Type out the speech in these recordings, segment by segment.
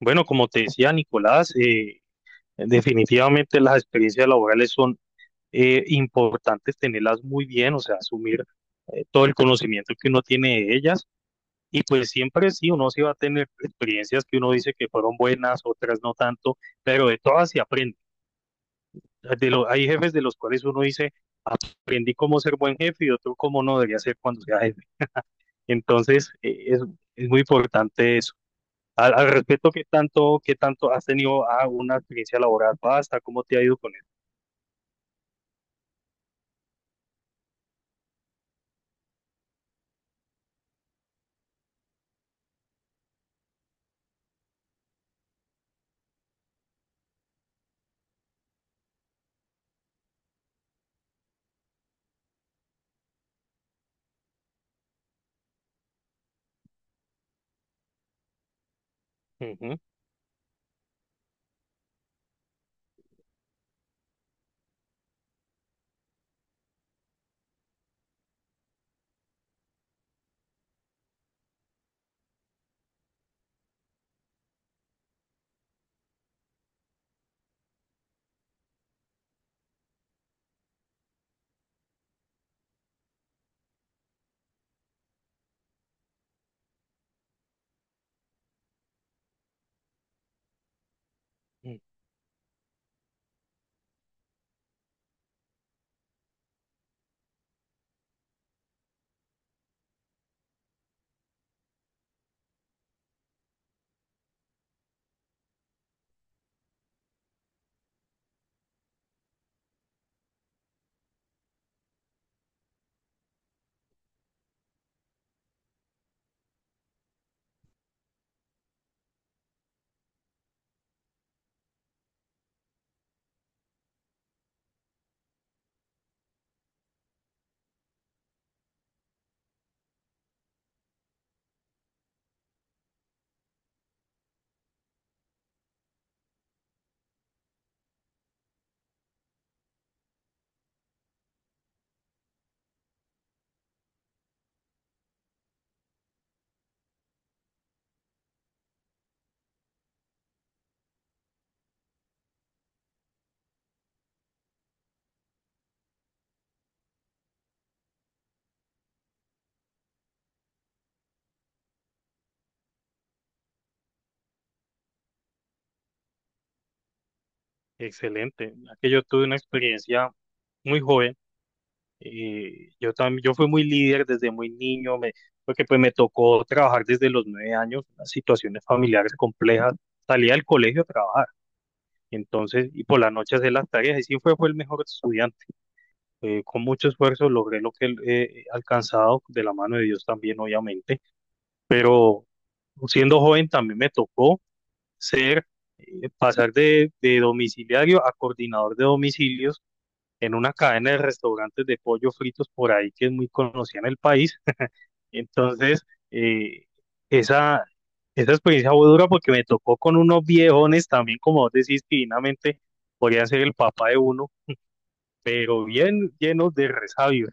Bueno, como te decía Nicolás, definitivamente las experiencias laborales son importantes tenerlas muy bien, o sea, asumir todo el conocimiento que uno tiene de ellas. Y pues siempre sí, uno sí va a tener experiencias que uno dice que fueron buenas, otras no tanto, pero de todas se aprende. Hay jefes de los cuales uno dice, aprendí cómo ser buen jefe y otro cómo no debería ser cuando sea jefe. Entonces, es muy importante eso. Al respecto, ¿qué tanto has tenido una experiencia laboral vasta? ¿Cómo te ha ido con eso? Ujú. Mm. Excelente. Aquí yo tuve una experiencia muy joven. Yo también, yo fui muy líder desde muy niño, porque pues me tocó trabajar desde los 9 años, unas situaciones familiares complejas. Salía del colegio a trabajar, entonces, y por las noches de las tareas, y fue el mejor estudiante. Con mucho esfuerzo logré lo que he alcanzado, de la mano de Dios también, obviamente, pero siendo joven también me tocó ser, pasar de domiciliario a coordinador de domicilios en una cadena de restaurantes de pollo fritos por ahí que es muy conocida en el país. Entonces, eh, esa, esa experiencia fue dura porque me tocó con unos viejones también, como vos decís, que divinamente podrían ser el papá de uno, pero bien llenos de resabios.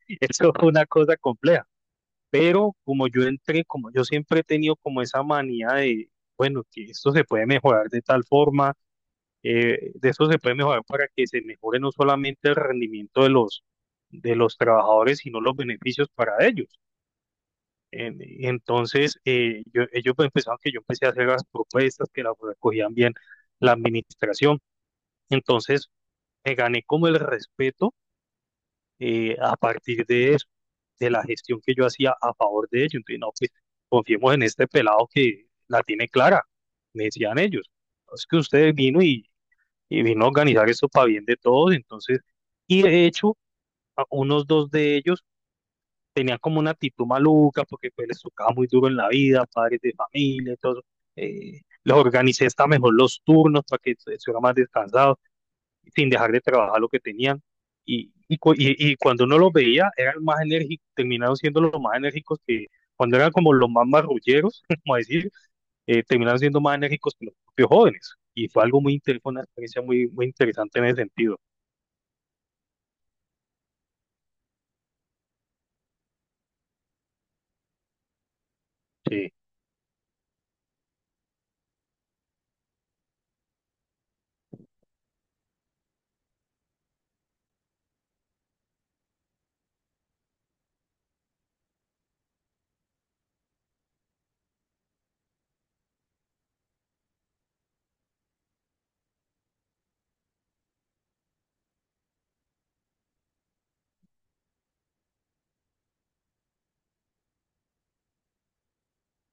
Eso fue una cosa compleja. Pero como yo entré, como yo siempre he tenido como esa manía de, bueno, que esto se puede mejorar de tal forma, de eso se puede mejorar para que se mejore no solamente el rendimiento de de los trabajadores, sino los beneficios para ellos. En- Entonces, ellos pues, empezaron que yo empecé a hacer las propuestas, que las recogían bien la administración. Entonces, me gané como el respeto a partir de eso, de la gestión que yo hacía a favor de ellos. Entonces, no, pues confiemos en este pelado que la tiene clara, me decían ellos. Es que usted vino y vino a organizar esto para bien de todos, entonces, y de hecho, a unos dos de ellos tenían como una actitud maluca porque pues les tocaba muy duro en la vida, padres de familia, y todo eso. Les organicé hasta mejor los turnos para que estuvieran más descansados sin dejar de trabajar lo que tenían. Y cuando uno los veía, eran más enérgicos, terminaron siendo los más enérgicos que cuando eran como los más marrulleros, como decir, terminaron siendo más enérgicos que los propios jóvenes. Y fue algo muy interesante, una experiencia muy interesante en ese sentido. Sí,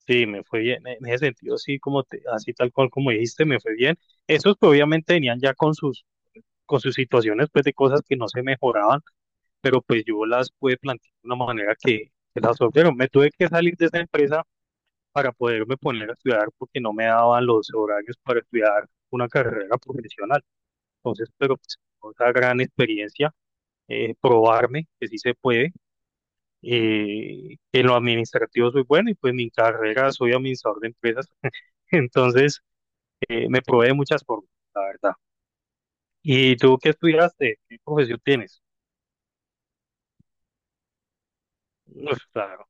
sí, me fue bien. En ese sentido, sí, como así tal cual como dijiste, me fue bien. Esos pues, obviamente venían ya con con sus situaciones, pues de cosas que no se mejoraban, pero pues yo las pude plantear de una manera que las solvieron. Me tuve que salir de esa empresa para poderme poner a estudiar porque no me daban los horarios para estudiar una carrera profesional. Entonces, pero pues, otra gran experiencia, probarme que sí se puede. Eh, en lo administrativo soy bueno y pues mi carrera soy administrador de empresas. Entonces, me probé de muchas formas, la verdad. ¿Y tú qué estudiaste? ¿Qué profesión tienes? Uf, claro,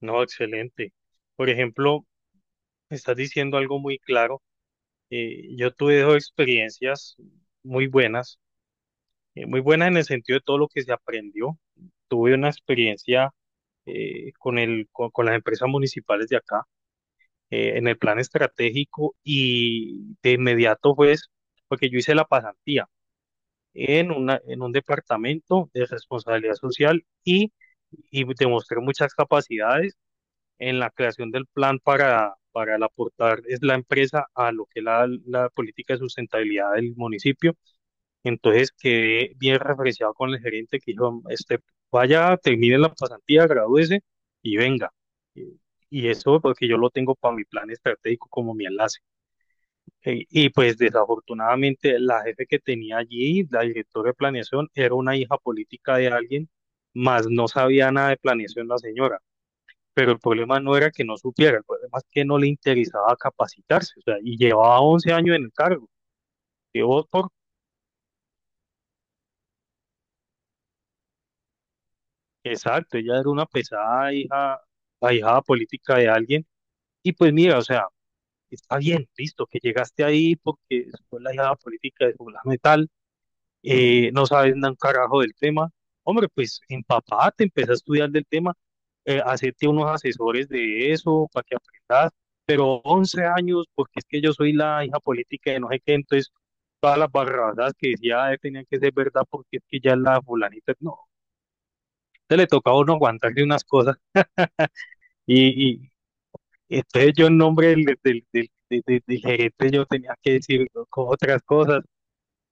no, excelente. Por ejemplo, estás diciendo algo muy claro. Eh, yo tuve dos experiencias muy buenas, muy buenas en el sentido de todo lo que se aprendió. Tuve una experiencia con con las empresas municipales de acá, en el plan estratégico y de inmediato pues, porque yo hice la pasantía en en un departamento de responsabilidad social y demostré muchas capacidades en la creación del plan para el aportar es la empresa a lo que es la política de sustentabilidad del municipio, entonces quedé bien referenciado con el gerente que dijo, este, vaya, termine la pasantía, gradúese y venga. Y, y eso porque yo lo tengo para mi plan estratégico como mi enlace. Y pues desafortunadamente la jefe que tenía allí, la directora de planeación, era una hija política de alguien, más no sabía nada de planeación la señora. Pero el problema no era que no supiera, el problema es que no le interesaba capacitarse, o sea, y llevaba 11 años en el cargo. Llevó por Exacto, ella era una pesada hija, ahijada política de alguien. Y pues mira, o sea, está bien, listo, que llegaste ahí porque fue la hijada política de fulano y tal, no sabes nada un carajo del tema. Hombre, pues empapate, empecé a estudiar del tema, hacerte unos asesores de eso para que aprendas. Pero 11 años, porque es que yo soy la hija política de no sé qué, entonces todas las barradas que decía tenían que ser verdad porque es que ya la fulanita, no, te le tocaba a uno aguantarle unas cosas. Y entonces yo en nombre del del gerente yo tenía que decir otras cosas.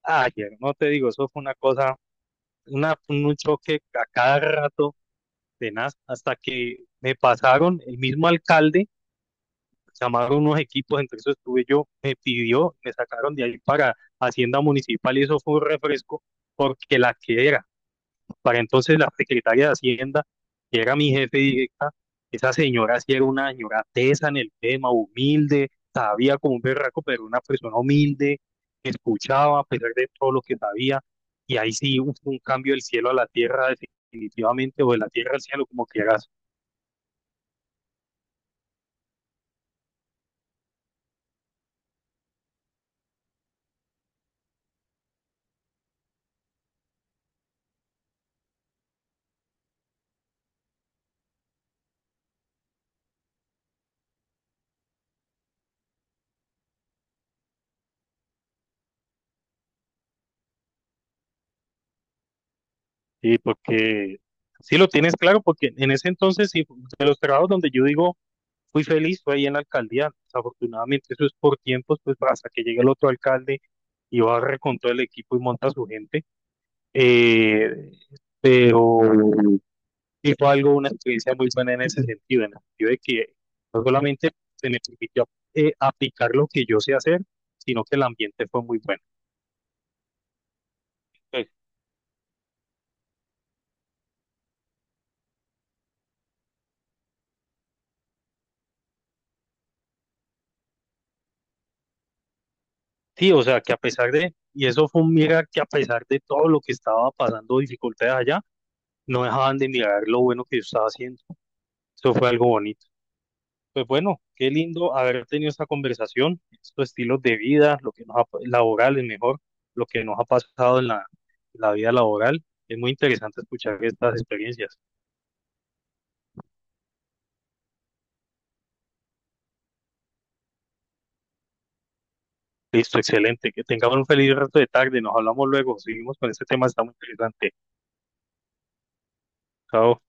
Ayer, no te digo, eso fue un choque a cada rato, tenaz, hasta que me pasaron el mismo alcalde, llamaron unos equipos, entre eso estuve yo, me pidió, me sacaron de ahí para Hacienda Municipal y eso fue un refresco porque la que era. Para entonces la secretaria de Hacienda, que era mi jefe directa, esa señora sí era una señora tesa en el tema, humilde, sabía como un berraco, pero una persona humilde, que escuchaba a pesar de todo lo que sabía, y ahí sí hubo un cambio del cielo a la tierra definitivamente, o de la tierra al cielo, como quieras. Sí, porque sí lo tienes claro, porque en ese entonces, sí, de los trabajos donde yo digo, fui feliz, fue ahí en la alcaldía. Desafortunadamente eso es por tiempos, pues hasta que llegue el otro alcalde y barre con todo el equipo y monta su gente. Eh, pero sí fue algo, una experiencia muy buena en ese sentido, en el sentido de que no solamente se me permitió aplicar lo que yo sé hacer, sino que el ambiente fue muy bueno. Pues, sí, o sea, que a pesar de, y eso fue un mirar que a pesar de todo lo que estaba pasando, dificultades allá, no dejaban de mirar lo bueno que yo estaba haciendo. Eso fue algo bonito. Pues bueno, qué lindo haber tenido esta conversación, estos estilos de vida, lo que nos ha, laboral es mejor, lo que nos ha pasado en en la vida laboral. Es muy interesante escuchar estas experiencias. Listo, excelente. Que tengamos un feliz resto de tarde. Nos hablamos luego. Seguimos con este tema, está muy interesante. Chao.